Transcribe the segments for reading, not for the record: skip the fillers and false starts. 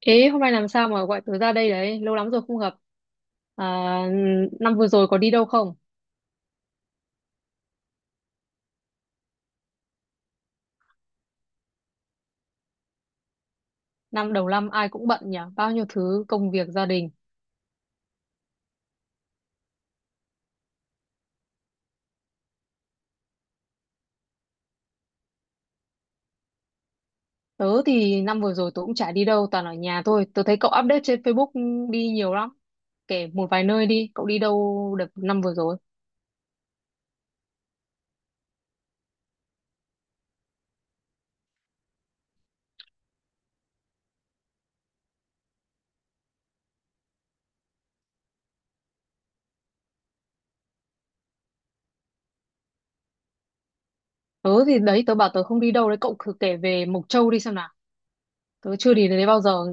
Ê, hôm nay làm sao mà gọi tớ ra đây đấy? Lâu lắm rồi không gặp. À, năm vừa rồi có đi đâu không? Năm đầu năm ai cũng bận nhỉ? Bao nhiêu thứ công việc gia đình. Tớ thì năm vừa rồi tớ cũng chả đi đâu, toàn ở nhà thôi. Tớ thấy cậu update trên Facebook đi nhiều lắm. Kể một vài nơi đi, cậu đi đâu được năm vừa rồi? Tớ thì đấy, tớ bảo tớ không đi đâu đấy, cậu thử kể về Mộc Châu đi xem nào. Tớ chưa đi đến đấy bao giờ.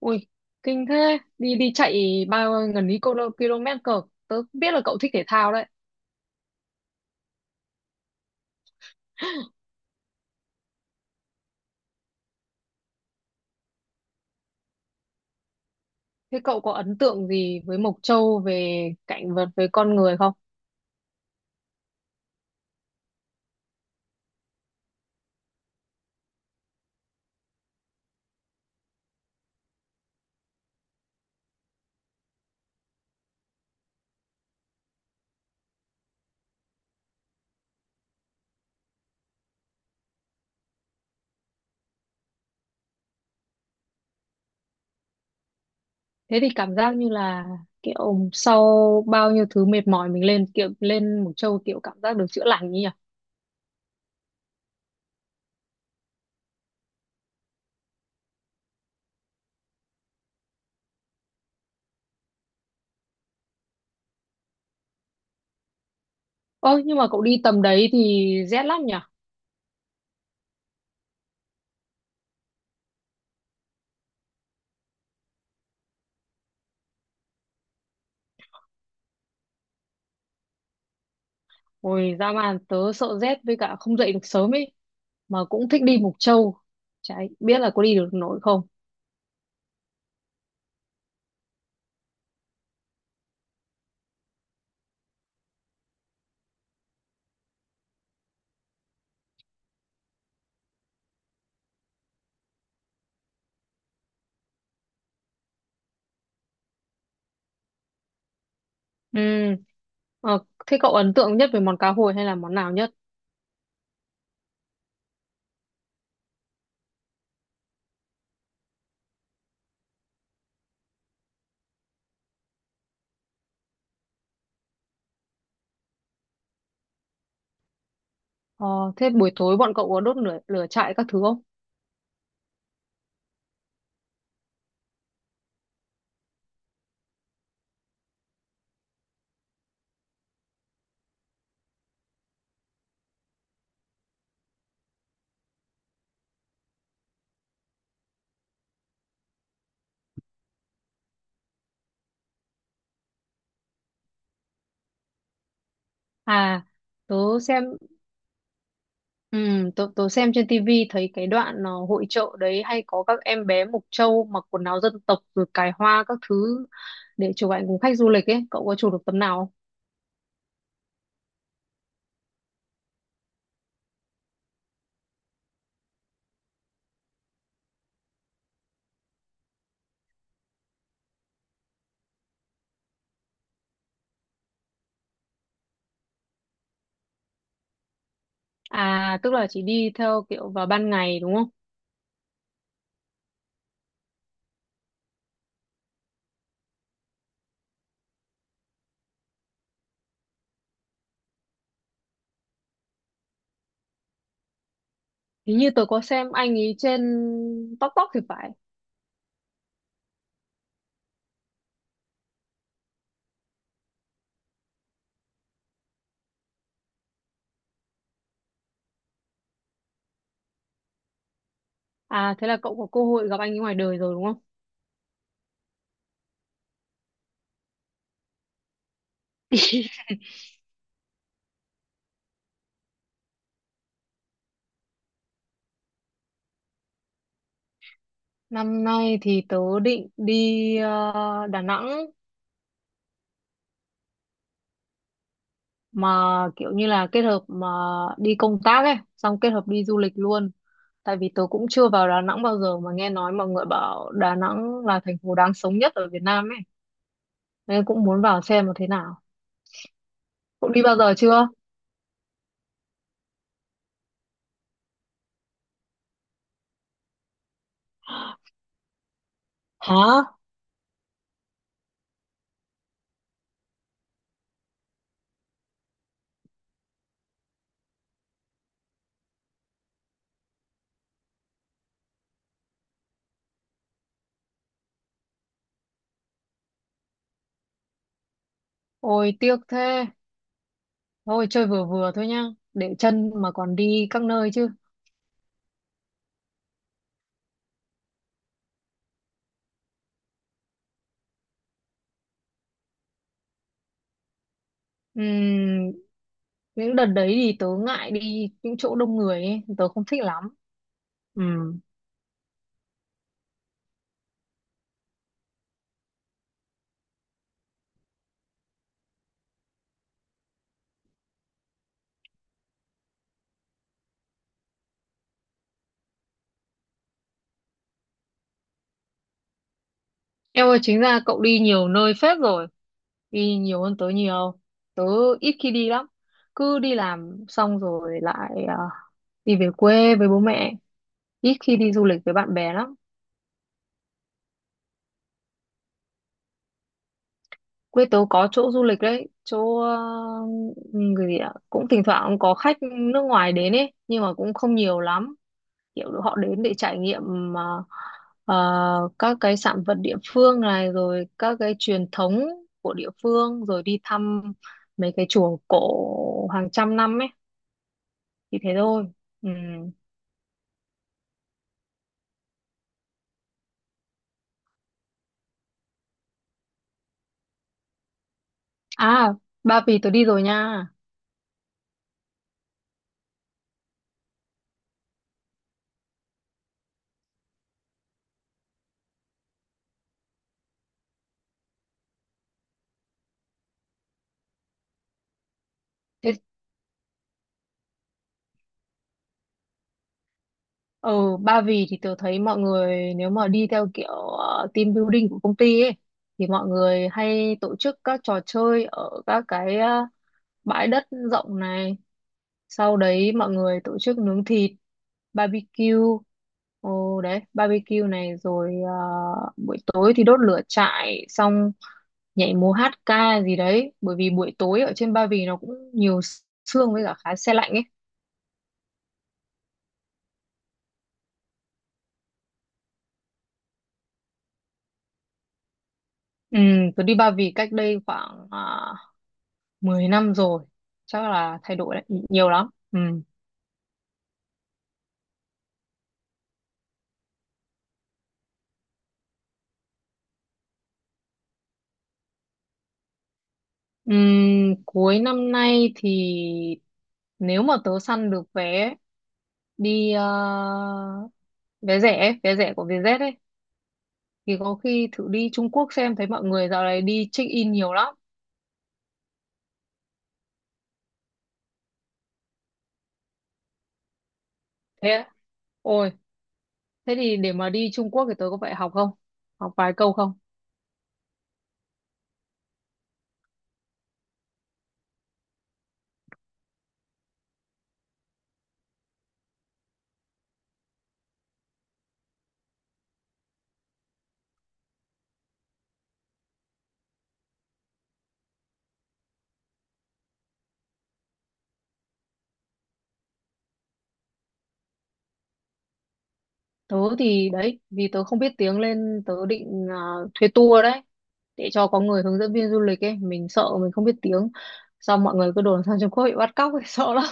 Ui, kinh thế. Đi đi chạy bao gần ý km cơ. Tớ biết là cậu thích thể thao đấy. Thế cậu có ấn tượng gì với Mộc Châu về cảnh vật với con người không? Thế thì cảm giác như là kiểu sau bao nhiêu thứ mệt mỏi mình kiểu lên Mộc Châu, kiểu cảm giác được chữa lành ấy nhỉ? Ôi nhưng mà cậu đi tầm đấy thì rét lắm nhỉ? Ôi ra mà tớ sợ rét với cả không dậy được sớm ấy, mà cũng thích đi Mộc Châu. Chả biết là có đi được nổi không? Ừ. Ờ, thế cậu ấn tượng nhất về món cá hồi hay là món nào nhất? Ờ, thế buổi tối bọn cậu có đốt lửa trại các thứ không? À, tớ xem Ừ, tôi xem trên tivi thấy cái đoạn hội chợ đấy hay có các em bé Mộc Châu mặc quần áo dân tộc rồi cài hoa các thứ để chụp ảnh cùng khách du lịch ấy. Cậu có chụp được tấm nào không? À, tức là chỉ đi theo kiểu vào ban ngày đúng không? Hình như tôi có xem anh ấy trên TikTok thì phải. À, thế là cậu có cơ hội gặp anh ấy ngoài đời rồi đúng không? Năm nay thì tớ định đi Đà Nẵng, mà kiểu như là kết hợp mà đi công tác ấy xong kết hợp đi du lịch luôn. Tại vì tớ cũng chưa vào Đà Nẵng bao giờ, mà nghe nói mọi người bảo Đà Nẵng là thành phố đáng sống nhất ở Việt Nam ấy, nên cũng muốn vào xem là thế nào. Cậu đi bao giờ chưa? Hả? Ôi tiếc thế, thôi chơi vừa vừa thôi nhá, để chân mà còn đi các nơi chứ. Ừm, những đợt đấy thì tớ ngại đi những chỗ đông người ấy, tớ không thích lắm. Ừm. Em ơi, chính ra cậu đi nhiều nơi phết rồi, đi nhiều hơn tớ nhiều. Tớ ít khi đi lắm, cứ đi làm xong rồi lại đi về quê với bố mẹ, ít khi đi du lịch với bạn bè lắm. Quê tớ có chỗ du lịch đấy, chỗ người gì ạ? Cũng thỉnh thoảng có khách nước ngoài đến ấy, nhưng mà cũng không nhiều lắm, kiểu họ đến để trải nghiệm à, à, các cái sản vật địa phương này, rồi các cái truyền thống của địa phương, rồi đi thăm mấy cái chùa cổ hàng trăm năm ấy, thì thế thôi. Ừ. À, Ba Vì tớ đi rồi nha. Thế- ừ, Ba Vì thì tớ thấy mọi người nếu mà đi theo kiểu team building của công ty ấy, thì mọi người hay tổ chức các trò chơi ở các cái bãi đất rộng này, sau đấy mọi người tổ chức nướng thịt barbecue, ồ đấy barbecue này, rồi buổi tối thì đốt lửa trại xong nhảy múa hát ca gì đấy, bởi vì buổi tối ở trên Ba Vì nó cũng nhiều sương với cả khá se lạnh ấy. Ừ, tôi đi Ba Vì cách đây khoảng 10 năm rồi, chắc là thay đổi đấy, nhiều lắm. Ừ. Cuối năm nay thì nếu mà tớ săn được vé đi, vé rẻ của Vietjet ấy, thì có khi thử đi Trung Quốc xem, thấy mọi người dạo này đi check in nhiều lắm. Thế á? Ôi, thế thì để mà đi Trung Quốc thì tớ có phải học không, học vài câu không? Tớ thì đấy, vì tớ không biết tiếng nên tớ định thuê tour đấy, để cho có người hướng dẫn viên du lịch ấy, mình sợ mình không biết tiếng, xong mọi người cứ đồn sang Trung Quốc bị bắt cóc ấy, sợ lắm.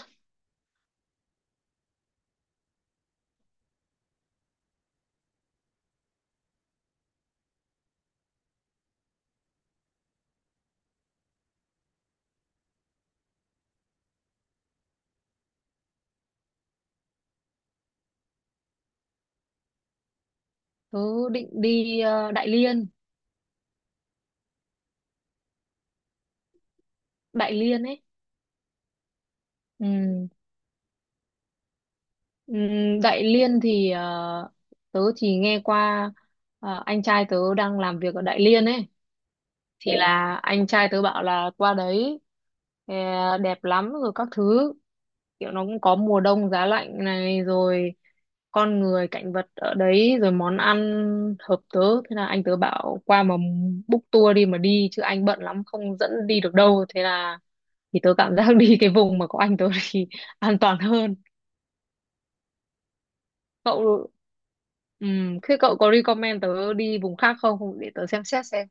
Tớ định đi Đại Liên ấy. Ừ. Đại Liên thì tớ chỉ nghe qua, anh trai tớ đang làm việc ở Đại Liên ấy, thì là anh trai tớ bảo là qua đấy ờ, đẹp lắm rồi các thứ, kiểu nó cũng có mùa đông giá lạnh này, rồi con người cảnh vật ở đấy, rồi món ăn hợp tớ, thế là anh tớ bảo qua mà book tour đi mà đi, chứ anh bận lắm không dẫn đi được đâu, thế là thì tớ cảm giác đi cái vùng mà có anh tớ thì an toàn hơn. Cậu Thế cậu có recommend tớ đi vùng khác không để tớ xem xét xem.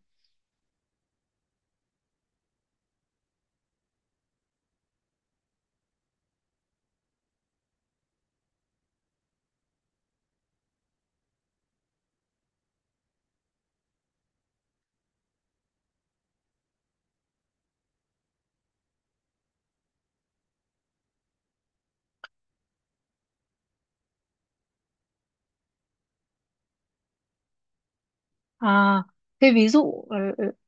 À, thế ví dụ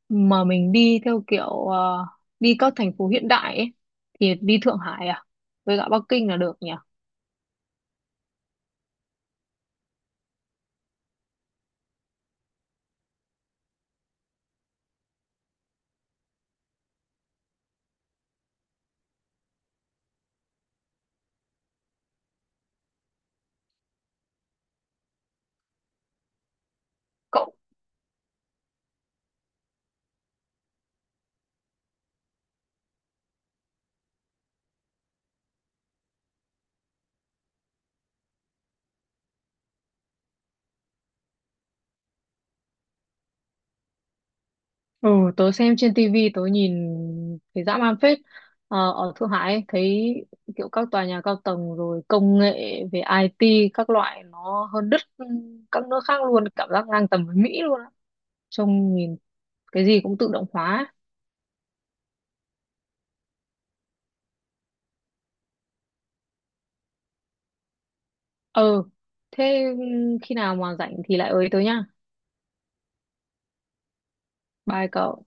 mà mình đi theo kiểu đi các thành phố hiện đại ấy, thì đi Thượng Hải à với cả Bắc Kinh là được nhỉ? Cậu ừ Tớ xem trên tivi, tớ nhìn thấy dã man phết. Ở Thượng Hải ấy, thấy kiểu các tòa nhà cao tầng rồi công nghệ về IT các loại, nó hơn đứt các nước khác luôn, cảm giác ngang tầm với Mỹ luôn á, trông nhìn cái gì cũng tự động hóa. Ờ, thế khi nào mà rảnh thì lại ới tớ nhá. Bye cậu.